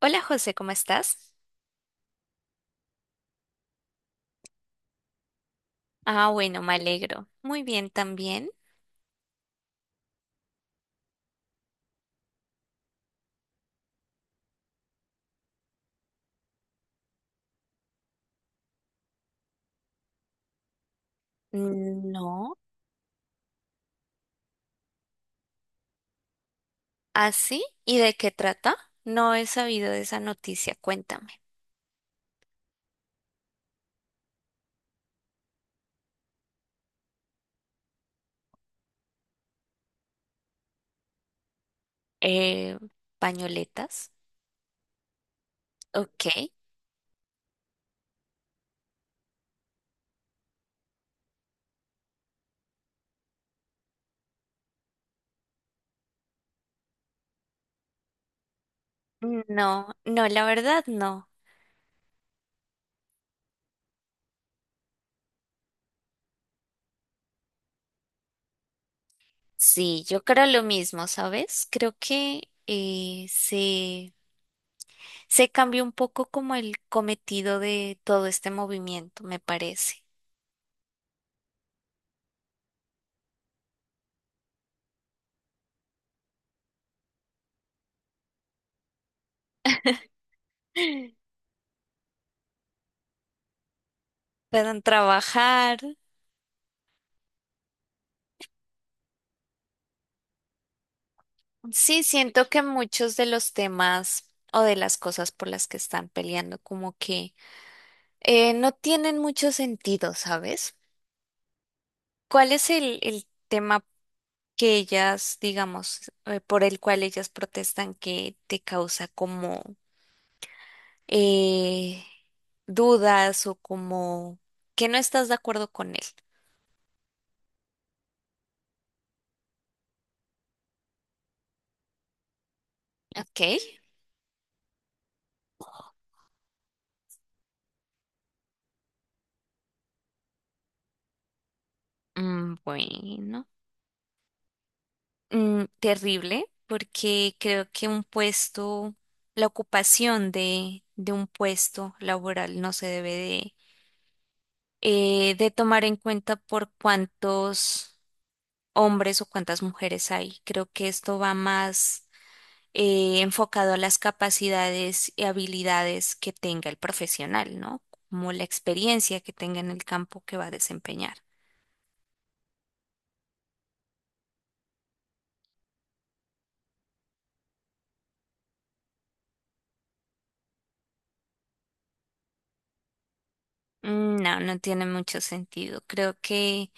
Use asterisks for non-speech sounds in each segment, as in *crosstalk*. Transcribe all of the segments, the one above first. Hola José, ¿cómo estás? Ah, bueno, me alegro. Muy bien también. No. ¿Ah, sí? ¿Y de qué trata? No he sabido de esa noticia, cuéntame. Eh, ¿Pañoletas? Ok. No, no, la verdad no. Sí, yo creo lo mismo, ¿sabes? Creo que se cambió un poco como el cometido de todo este movimiento, me parece. *gasps* Puedan trabajar. Sí, siento que muchos de los temas o de las cosas por las que están peleando como que no tienen mucho sentido, ¿sabes? ¿Cuál es el tema que ellas, digamos, por el cual ellas protestan que te causa como eh, dudas o como que no estás de acuerdo con él? Ok. Mm, bueno. Mm, terrible porque creo que un puesto, la ocupación de un puesto laboral no se debe de tomar en cuenta por cuántos hombres o cuántas mujeres hay. Creo que esto va más enfocado a las capacidades y habilidades que tenga el profesional, ¿no? Como la experiencia que tenga en el campo que va a desempeñar. Mm, no, no tiene mucho sentido. Creo que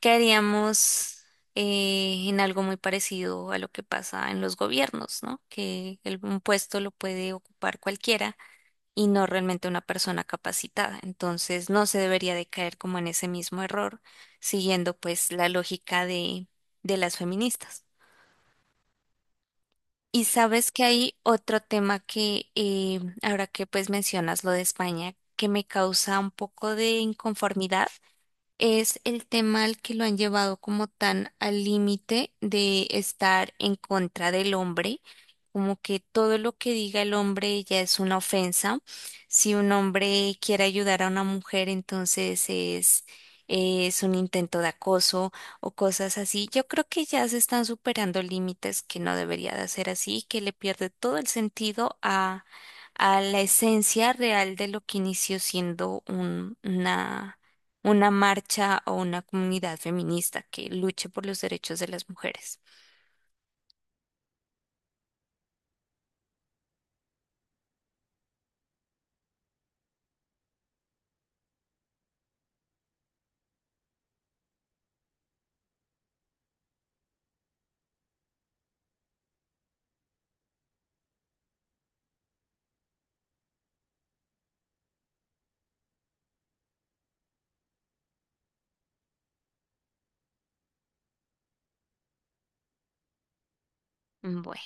caeríamos en algo muy parecido a lo que pasa en los gobiernos, ¿no? Que un puesto lo puede ocupar cualquiera y no realmente una persona capacitada. Entonces, no se debería de caer como en ese mismo error, siguiendo pues la lógica de las feministas. Y sabes que hay otro tema que ahora que pues mencionas lo de España, que me causa un poco de inconformidad es el tema al que lo han llevado como tan al límite de estar en contra del hombre, como que todo lo que diga el hombre ya es una ofensa. Si un hombre quiere ayudar a una mujer, es un intento de acoso o cosas así. Yo creo que ya se están superando límites que no debería de ser así, que le pierde todo el sentido a la esencia real de lo que inició siendo una marcha o una comunidad feminista que luche por los derechos de las mujeres. Bueno,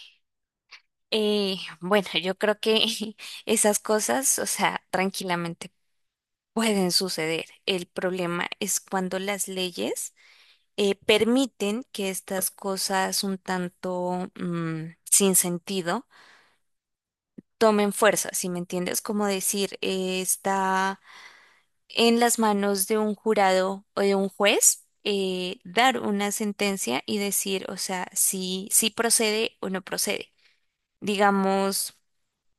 bueno, yo creo que *laughs* esas cosas, o sea, tranquilamente pueden suceder. El problema es cuando las leyes permiten que estas cosas un tanto sin sentido tomen fuerza, si me entiendes, como decir, está en las manos de un jurado o de un juez dar una sentencia y decir, o sea, si procede o no procede. Digamos,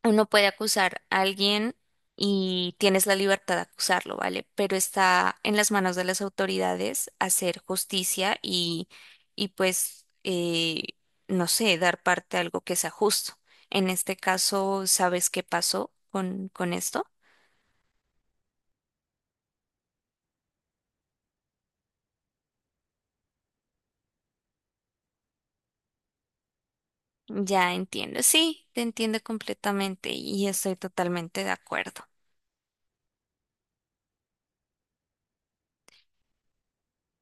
uno puede acusar a alguien y tienes la libertad de acusarlo, ¿vale? Pero está en las manos de las autoridades hacer justicia y pues, no sé, dar parte a algo que sea justo. En este caso, ¿sabes qué pasó con esto? Ya entiendo, sí, te entiendo completamente y estoy totalmente de acuerdo.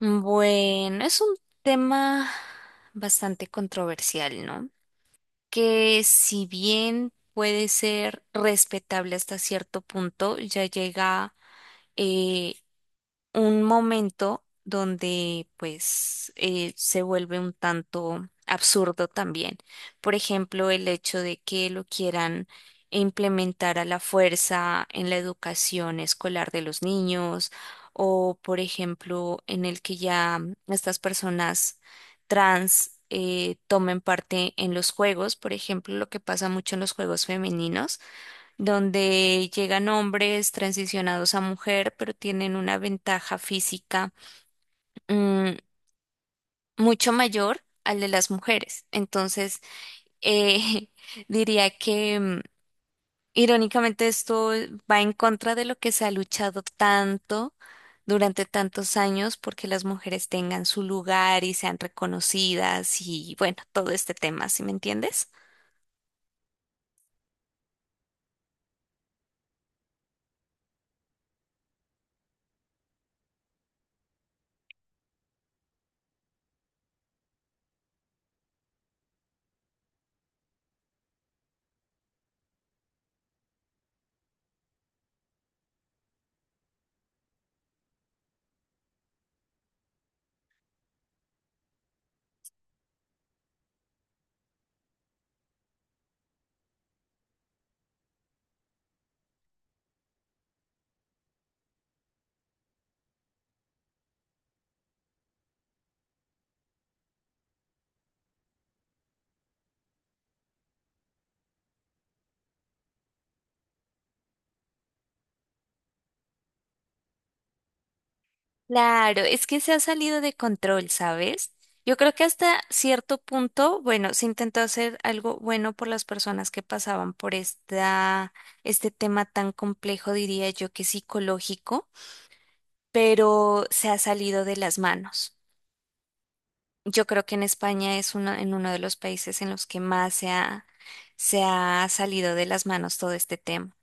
Bueno, es un tema bastante controversial, ¿no? Que si bien puede ser respetable hasta cierto punto, ya llega eh, un momento donde se vuelve un tanto absurdo también. Por ejemplo, el hecho de que lo quieran implementar a la fuerza en la educación escolar de los niños o, por ejemplo, en el que ya estas personas trans tomen parte en los juegos, por ejemplo, lo que pasa mucho en los juegos femeninos donde llegan hombres transicionados a mujer, pero tienen una ventaja física mm, mucho mayor al de las mujeres. Entonces, eh, *laughs* diría que irónicamente esto va en contra de lo que se ha luchado tanto durante tantos años porque las mujeres tengan su lugar y sean reconocidas y bueno, todo este tema, ¿sí me entiendes? Claro, es que se ha salido de control, ¿sabes? Yo creo que hasta cierto punto, bueno, se intentó hacer algo bueno por las personas que pasaban por este tema tan complejo, diría yo que psicológico, pero se ha salido de las manos. Yo creo que en España en uno de los países en los que más se ha salido de las manos todo este tema.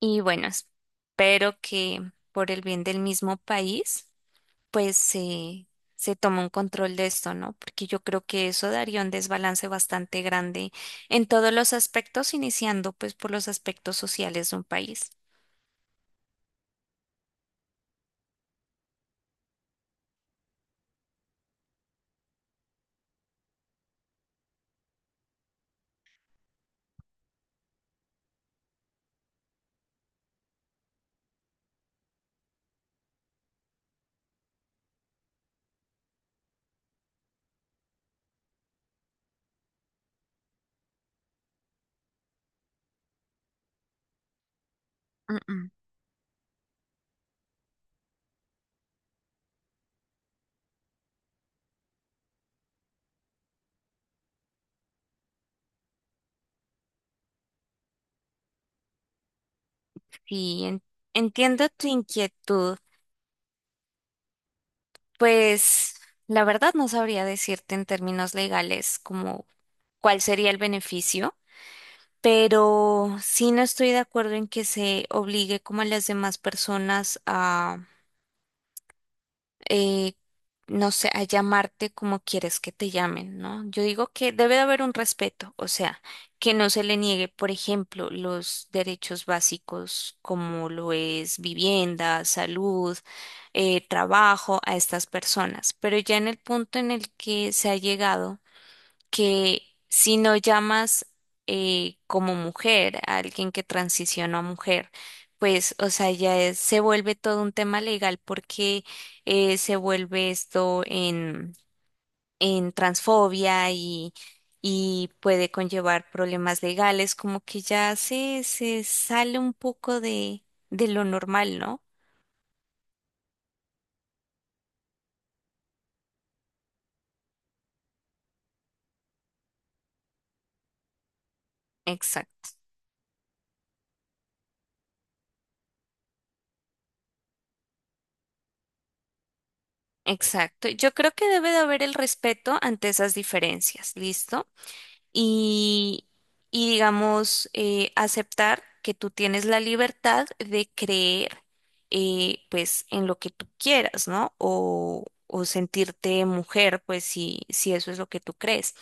Y bueno, espero que por el bien del mismo país pues se, se toma un control de esto, ¿no? Porque yo creo que eso daría un desbalance bastante grande en todos los aspectos, iniciando pues por los aspectos sociales de un país. Mm, sí, entiendo tu inquietud. Pues la verdad no sabría decirte en términos legales como cuál sería el beneficio, pero sí no estoy de acuerdo en que se obligue como a las demás personas eh, no sé, a llamarte como quieres que te llamen, ¿no? Yo digo que debe de haber un respeto, o sea, que no se le niegue, por ejemplo, los derechos básicos como lo es vivienda, salud, trabajo a estas personas, pero ya en el punto en el que se ha llegado que si no llamas como mujer a alguien que transicionó a mujer, pues, o sea, se vuelve todo un tema legal porque se vuelve esto en transfobia y puede conllevar problemas legales, como que se sale un poco de lo normal, ¿no? Exacto, exacto. Yo creo que debe de haber el respeto ante esas diferencias, ¿listo? Y, y digamos, aceptar que tú tienes la libertad de creer, pues, en lo que tú quieras, ¿no? O sentirte mujer, pues, si eso es lo que tú crees.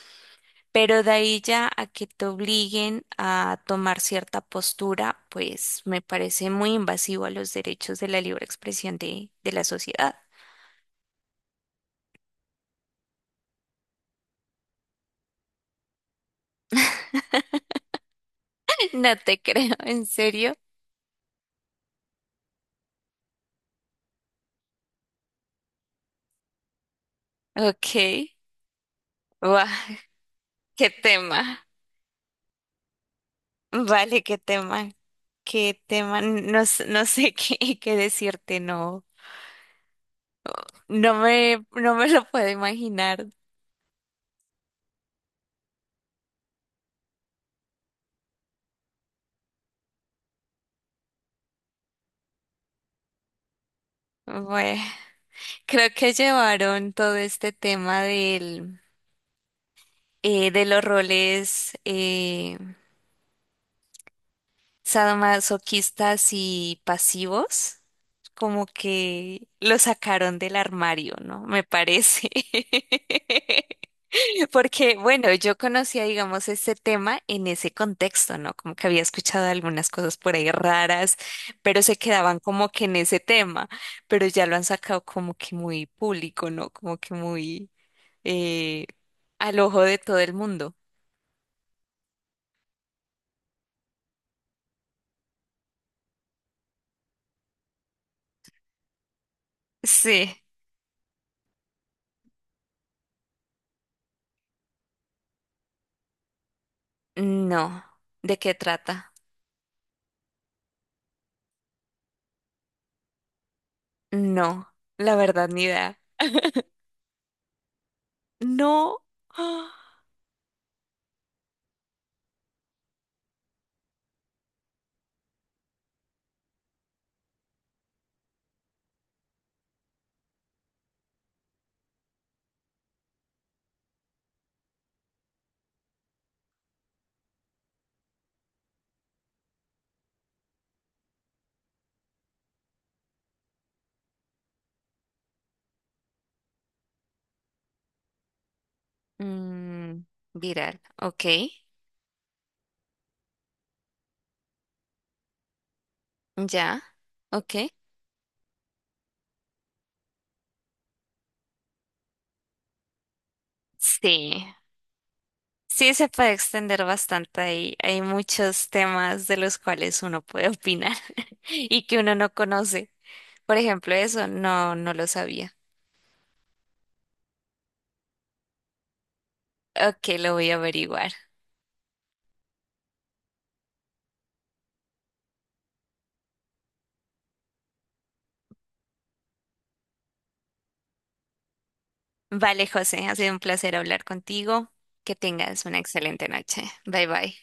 Pero de ahí ya a que te obliguen a tomar cierta postura, pues, me parece muy invasivo a los derechos de la libre expresión de la sociedad. *laughs* No te creo, ¿en serio? Ok. Guau, qué tema. Vale, qué tema, no, no sé *laughs* qué decirte, no, no me lo puedo imaginar. Bueno, creo que llevaron todo este tema de los roles sadomasoquistas y pasivos, como que lo sacaron del armario, ¿no? Me parece. *laughs* *laughs* Porque, bueno, yo conocía, digamos, este tema en ese contexto, ¿no? Como que había escuchado algunas cosas por ahí raras, pero se quedaban como que en ese tema, pero ya lo han sacado como que muy público, ¿no? Como que muy eh, al ojo de todo el mundo. Sí. No. ¿De qué trata? No. La verdad, ni idea. No. *gasps* Ah. Mm, viral. Ok. Ya. Ok. Sí. Sí, se puede extender bastante ahí, hay muchos temas de los cuales uno puede opinar *laughs* y que uno no conoce. Por ejemplo, eso no, no lo sabía. Ok, lo voy a averiguar. Vale, José, ha sido un placer hablar contigo. Que tengas una excelente noche. Bye bye.